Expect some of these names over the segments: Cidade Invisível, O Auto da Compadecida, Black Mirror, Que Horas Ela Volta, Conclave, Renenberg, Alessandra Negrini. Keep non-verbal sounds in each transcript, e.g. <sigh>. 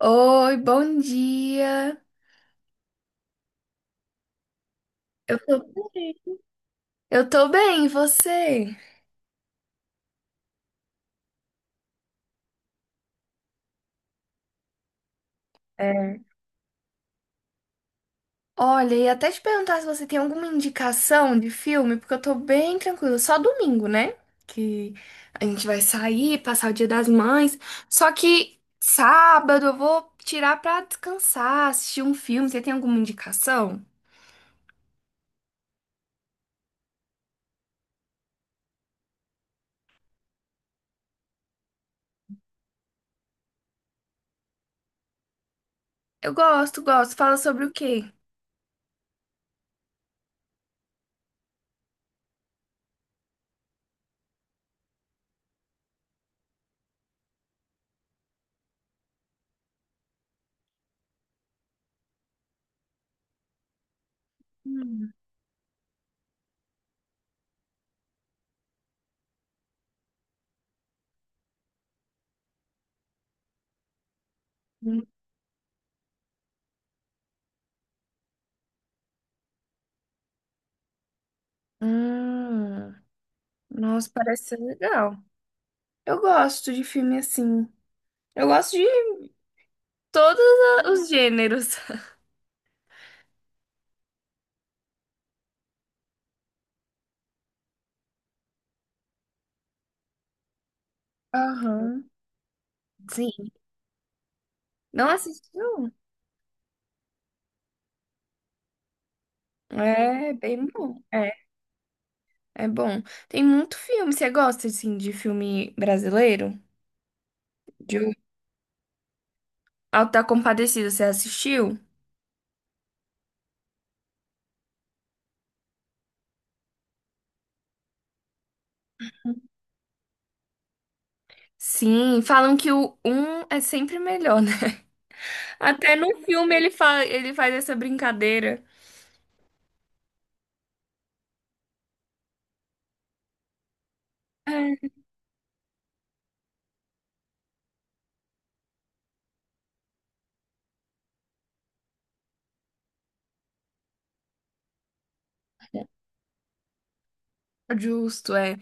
Oi, bom dia. Eu tô bem. Eu tô bem, e você? É. Olha, e até te perguntar se você tem alguma indicação de filme, porque eu tô bem tranquila. Só domingo, né? Que a gente vai sair, passar o Dia das Mães. Só que sábado eu vou tirar pra descansar, assistir um filme. Você tem alguma indicação? Eu gosto. Fala sobre o quê? Hum. Hum, nossa, parece ser legal. Eu gosto de filme assim. Eu gosto de todos os gêneros. Aham. Sim. Não assistiu? É bem bom. É bom. Tem muito filme. Você gosta, assim, de filme brasileiro? De O Auto da Compadecida, você assistiu? Sim, falam que o um é sempre melhor, né? <laughs> Até no filme ele, fa ele faz essa brincadeira. É, justo.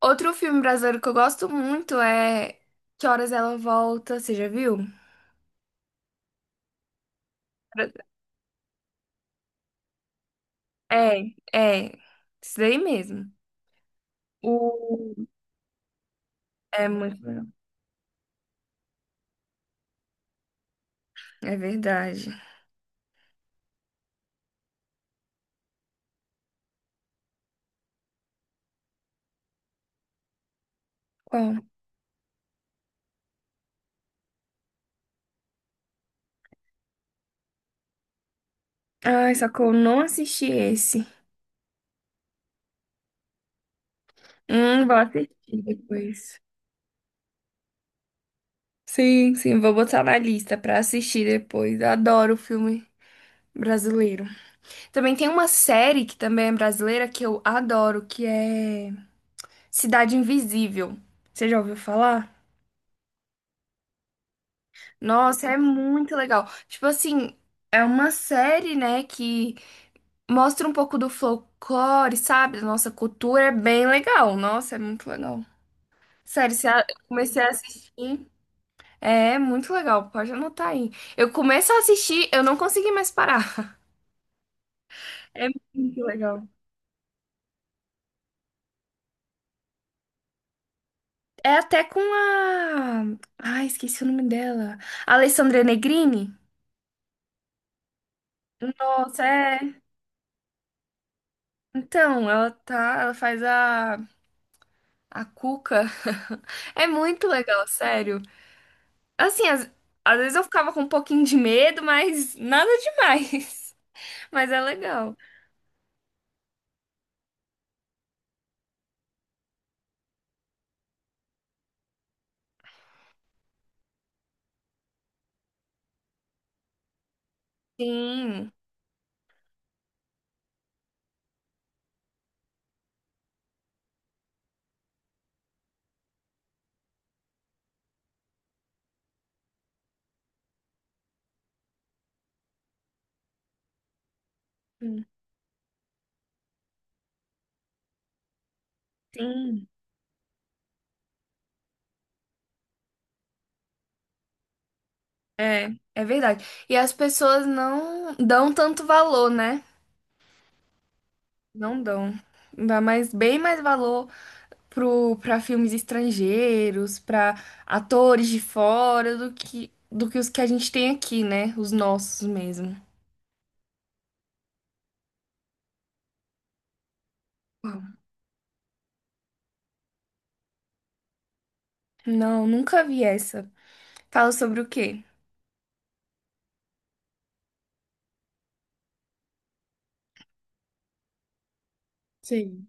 Outro filme brasileiro que eu gosto muito é Que Horas Ela Volta, você já viu? É, é, isso daí mesmo. O... É muito legal. É verdade. Qual? Ai, só que eu não assisti esse. Vou assistir depois. Sim, vou botar na lista pra assistir depois. Eu adoro filme brasileiro. Também tem uma série que também é brasileira que eu adoro, que é Cidade Invisível. Você já ouviu falar? Nossa, é muito legal. Tipo assim, é uma série, né, que mostra um pouco do folclore, sabe? Da nossa cultura, é bem legal. Nossa, é muito legal. Sério, se a- eu comecei a assistir. É muito legal, pode anotar aí. Eu começo a assistir, eu não consegui mais parar. <laughs> É muito legal. É até com a. Ai, esqueci o nome dela. Alessandra Negrini? Nossa, é. Então, ela tá. Ela faz a. A Cuca. <laughs> É muito legal, sério. Assim, às vezes eu ficava com um pouquinho de medo, mas nada demais. <laughs> Mas é legal. Sim, sim. É, é verdade. E as pessoas não dão tanto valor, né? Não dão. Dá mais, bem mais valor pra filmes estrangeiros, pra atores de fora do que os que a gente tem aqui, né? Os nossos mesmo. Uau. Não, nunca vi essa. Fala sobre o quê? Sim.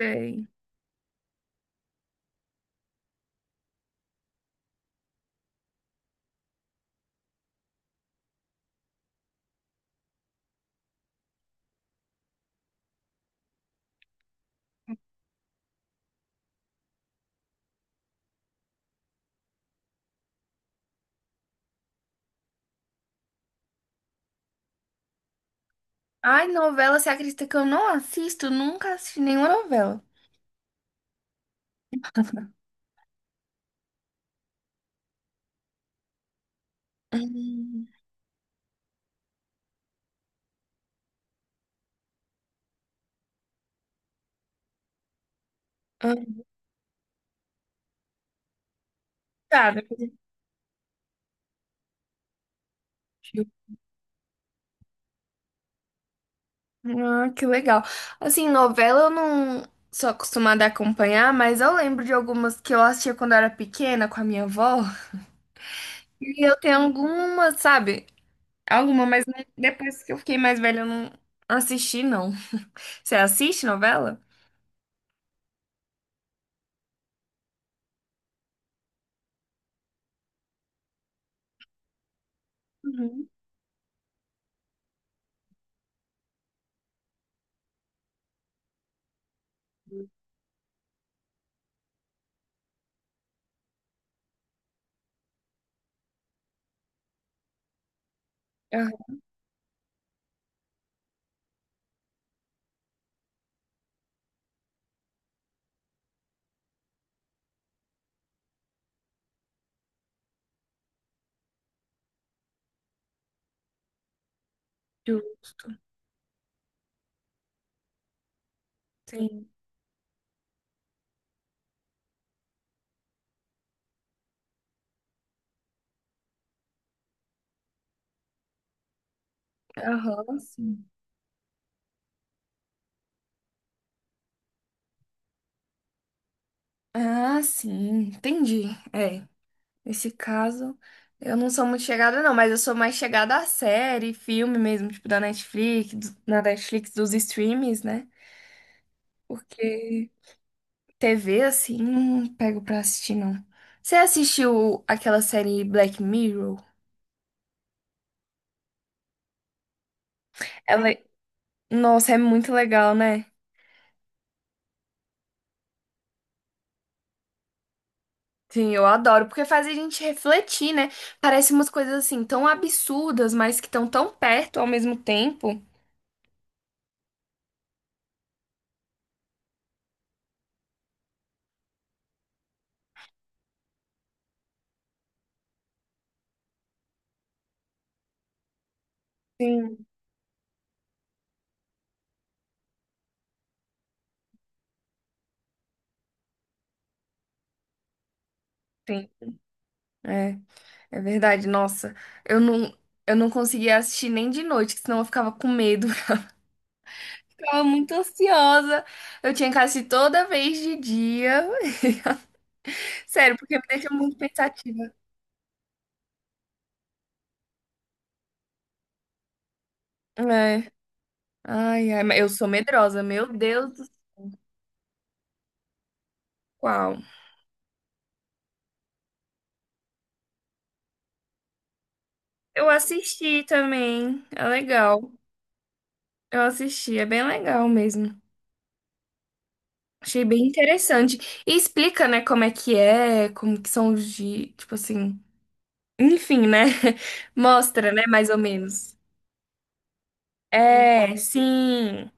Sei. Ai, novela, você acredita que eu não assisto? Nunca assisti nenhuma novela. Hum, ah, tá, depois eu assisti. Ah, que legal. Assim, novela eu não sou acostumada a acompanhar, mas eu lembro de algumas que eu assistia quando eu era pequena com a minha avó. E eu tenho algumas, sabe? Alguma, mas não- depois que eu fiquei mais velha, eu não assisti, não. Você assiste novela? Uhum. Ah, justo. Sim. Aham, sim. Ah, sim. Entendi. É. Nesse caso, eu não sou muito chegada, não, mas eu sou mais chegada à série, filme mesmo, tipo da Netflix, na Netflix dos streams, né? Porque TV, assim, não pego pra assistir, não. Você assistiu aquela série Black Mirror? Ela, nossa, é muito legal, né? Sim, eu adoro, porque faz a gente refletir, né? Parece umas coisas assim tão absurdas, mas que estão tão perto ao mesmo tempo. Sim, sim. é É verdade, nossa. Eu não, eu não conseguia assistir nem de noite, que senão eu ficava com medo. <laughs> Ficava muito ansiosa. Eu tinha que assistir toda vez de dia. <laughs> Sério, porque me deixa muito pensativa. É. Ai, ai, mas eu sou medrosa, meu Deus do céu. Eu assisti também, é legal. Eu assisti, é bem legal mesmo. Achei bem interessante. E explica, né, como é que é, como que são os dias, tipo assim. Enfim, né? <laughs> Mostra, né, mais ou menos. É, sim.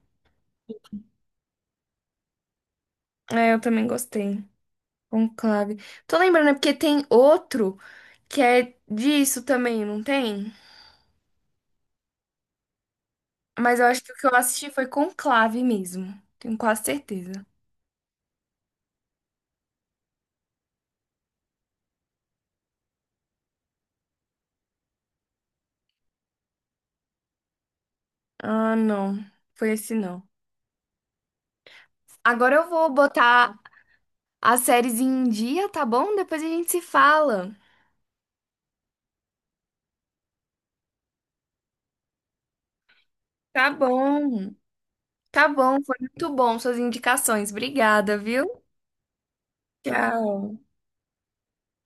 É, eu também gostei. Conclave. Tô lembrando, é porque tem outro que é disso também, não tem? Mas eu acho que o que eu assisti foi Conclave mesmo. Tenho quase certeza. Ah, não. Foi esse não. Agora eu vou botar as séries em dia, tá bom? Depois a gente se fala. Tá bom. Tá bom. Foi Muito bom suas indicações. Obrigada, viu? Tchau.